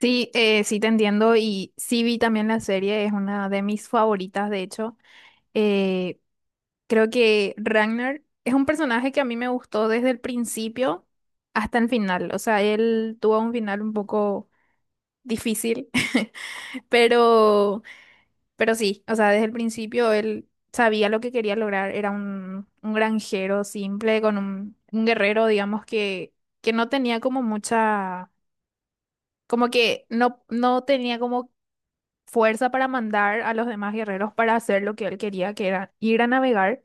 Sí, sí te entiendo y sí vi también la serie, es una de mis favoritas de hecho. Eh, Creo que Ragnar es un personaje que a mí me gustó desde el principio hasta el final, o sea, él tuvo un final un poco difícil, pero, pero sí, o sea, desde el principio él sabía lo que quería lograr, era un granjero simple, con un guerrero, digamos, que no tenía como mucha, como que no tenía como fuerza para mandar a los demás guerreros para hacer lo que él quería, que era ir a navegar,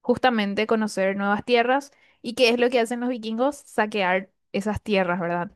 justamente conocer nuevas tierras. ¿Y qué es lo que hacen los vikingos? Saquear esas tierras, ¿verdad?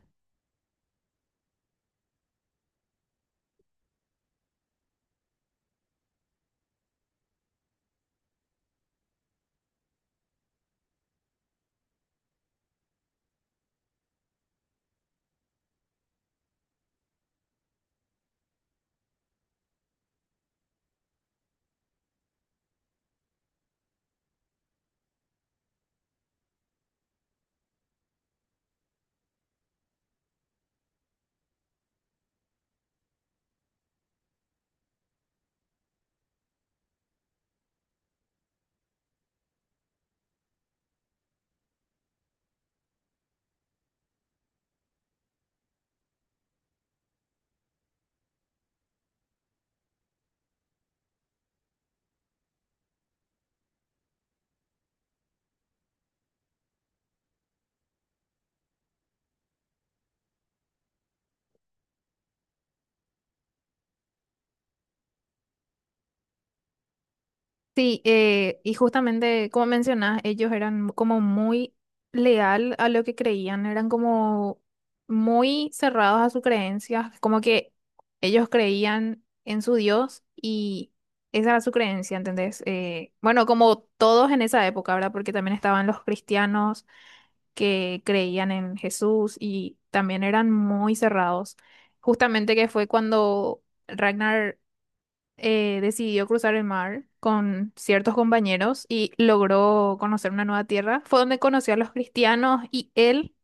Sí, y justamente como mencionás, ellos eran como muy leal a lo que creían, eran como muy cerrados a sus creencias, como que ellos creían en su Dios y esa era su creencia, ¿entendés? Bueno, como todos en esa época, ¿verdad? Porque también estaban los cristianos que creían en Jesús y también eran muy cerrados. Justamente que fue cuando Ragnar decidió cruzar el mar con ciertos compañeros y logró conocer una nueva tierra. Fue donde conoció a los cristianos y él,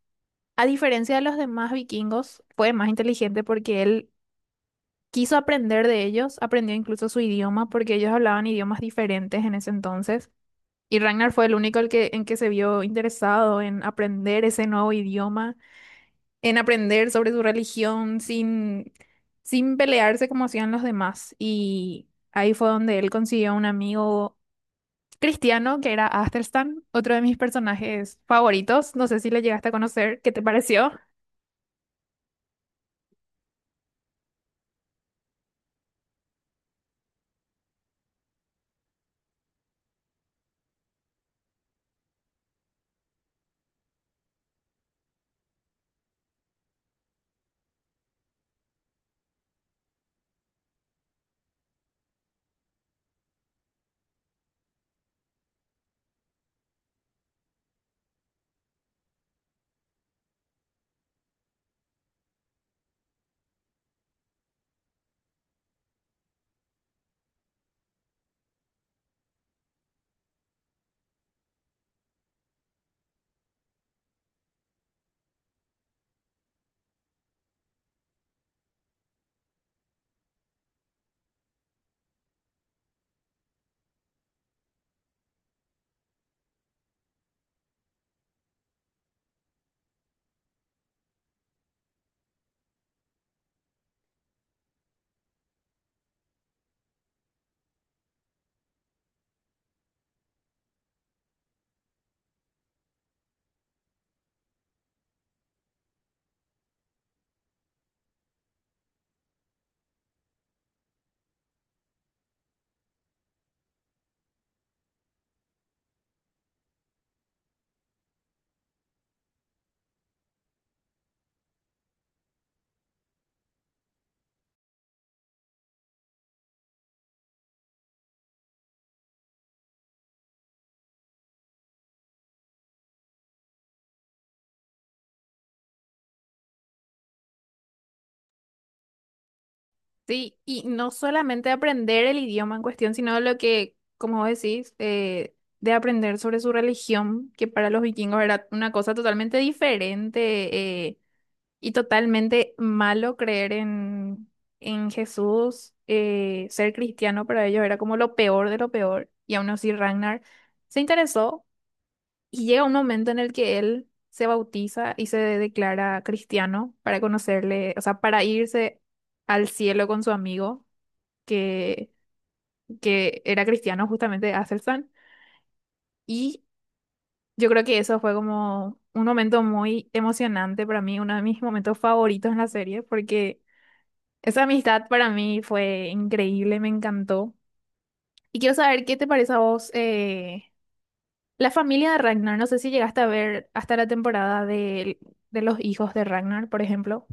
a diferencia de los demás vikingos, fue más inteligente porque él quiso aprender de ellos, aprendió incluso su idioma porque ellos hablaban idiomas diferentes en ese entonces. Y Ragnar fue el único el en que se vio interesado en aprender ese nuevo idioma en aprender sobre su religión sin pelearse como hacían los demás. Y ahí fue donde él consiguió un amigo cristiano que era Athelstan, otro de mis personajes favoritos. No sé si le llegaste a conocer, ¿qué te pareció? Sí, y no solamente aprender el idioma en cuestión, sino lo que, como vos decís, de aprender sobre su religión, que para los vikingos era una cosa totalmente diferente. eh, Y totalmente malo creer en Jesús. Ser cristiano para ellos era como lo peor de lo peor. Y aún así Ragnar se interesó y llega un momento en el que él se bautiza y se declara cristiano para conocerle, o sea, para irse al cielo con su amigo que, que era cristiano justamente Aselsan. Y yo creo que eso fue como un momento muy emocionante para mí, uno de mis momentos favoritos en la serie porque... Esa amistad para mí fue increíble, me encantó. Y quiero saber qué te parece a vos la familia de Ragnar. No sé si llegaste a ver hasta la temporada de los hijos de Ragnar, por ejemplo.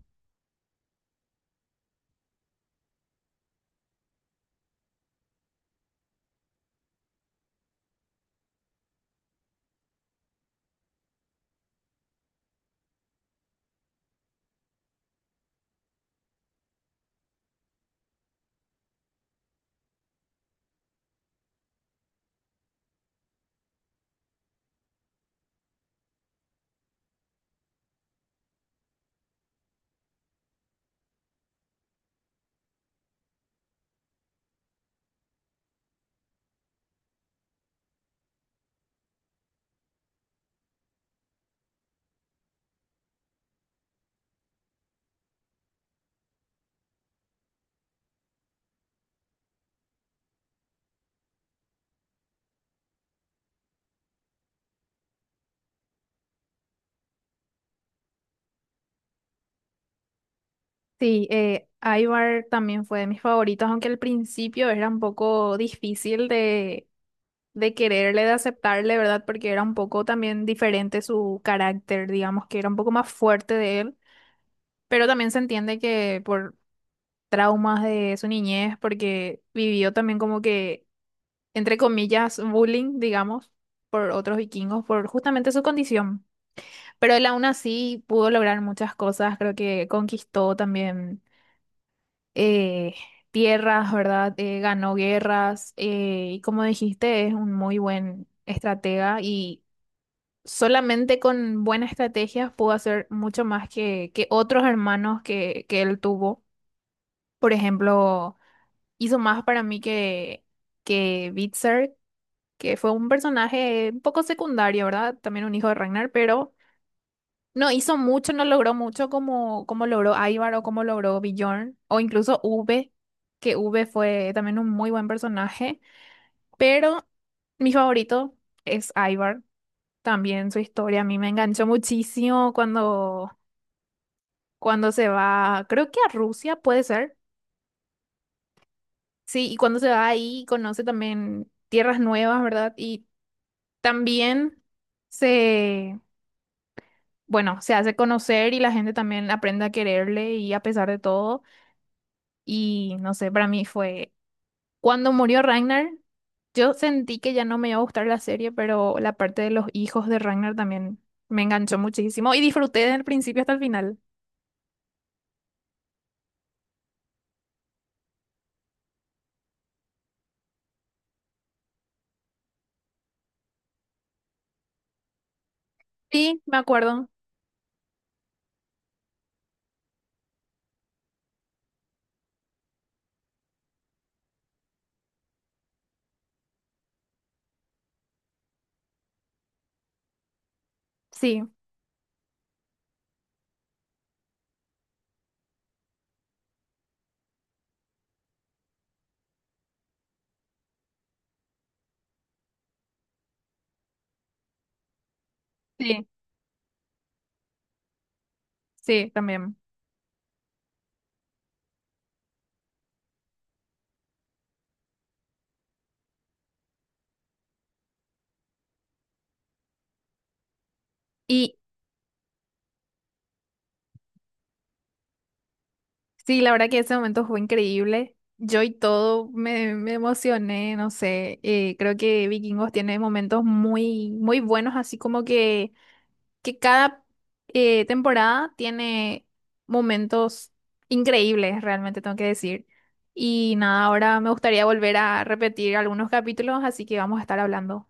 Sí, Ivar también fue de mis favoritos, aunque al principio era un poco difícil de quererle, de aceptarle, ¿verdad? Porque era un poco también diferente su carácter, digamos que era un poco más fuerte de él. Pero también se entiende que por traumas de su niñez porque vivió también como que, entre comillas, bullying, digamos, por otros vikingos, por justamente su condición. Pero él aún así pudo lograr muchas cosas, creo que conquistó también eh, tierras, ¿verdad? Ganó guerras y como dijiste, es un muy buen estratega y... Solamente con buenas estrategias pudo hacer mucho más que otros hermanos que él tuvo. Por ejemplo, hizo más para mí que Bitzer, que fue un personaje un poco secundario, ¿verdad? También un hijo de Ragnar, pero no hizo mucho, no logró mucho como, como logró Ivar o como logró Bjorn, o incluso V, que V fue también un muy buen personaje, pero mi favorito es Ivar. También su historia a mí me enganchó muchísimo cuando, cuando se va, creo que a Rusia puede ser. Sí, y cuando se va ahí conoce también tierras nuevas, ¿verdad? Y también se, bueno, se hace conocer y la gente también aprende a quererle y a pesar de todo. Y no sé, para mí fue cuando murió Ragnar, yo sentí que ya no me iba a gustar la serie, pero la parte de los hijos de Ragnar también me enganchó muchísimo y disfruté desde el principio hasta el final. Sí, me acuerdo. Sí, sí, sí, también. Y sí, la verdad que ese momento fue increíble. Yo y todo me, me emocioné, no sé. Creo que Vikingos tiene momentos muy, muy buenos, así como que cada temporada tiene momentos increíbles, realmente tengo que decir. Y nada, ahora me gustaría volver a repetir algunos capítulos, así que vamos a estar hablando.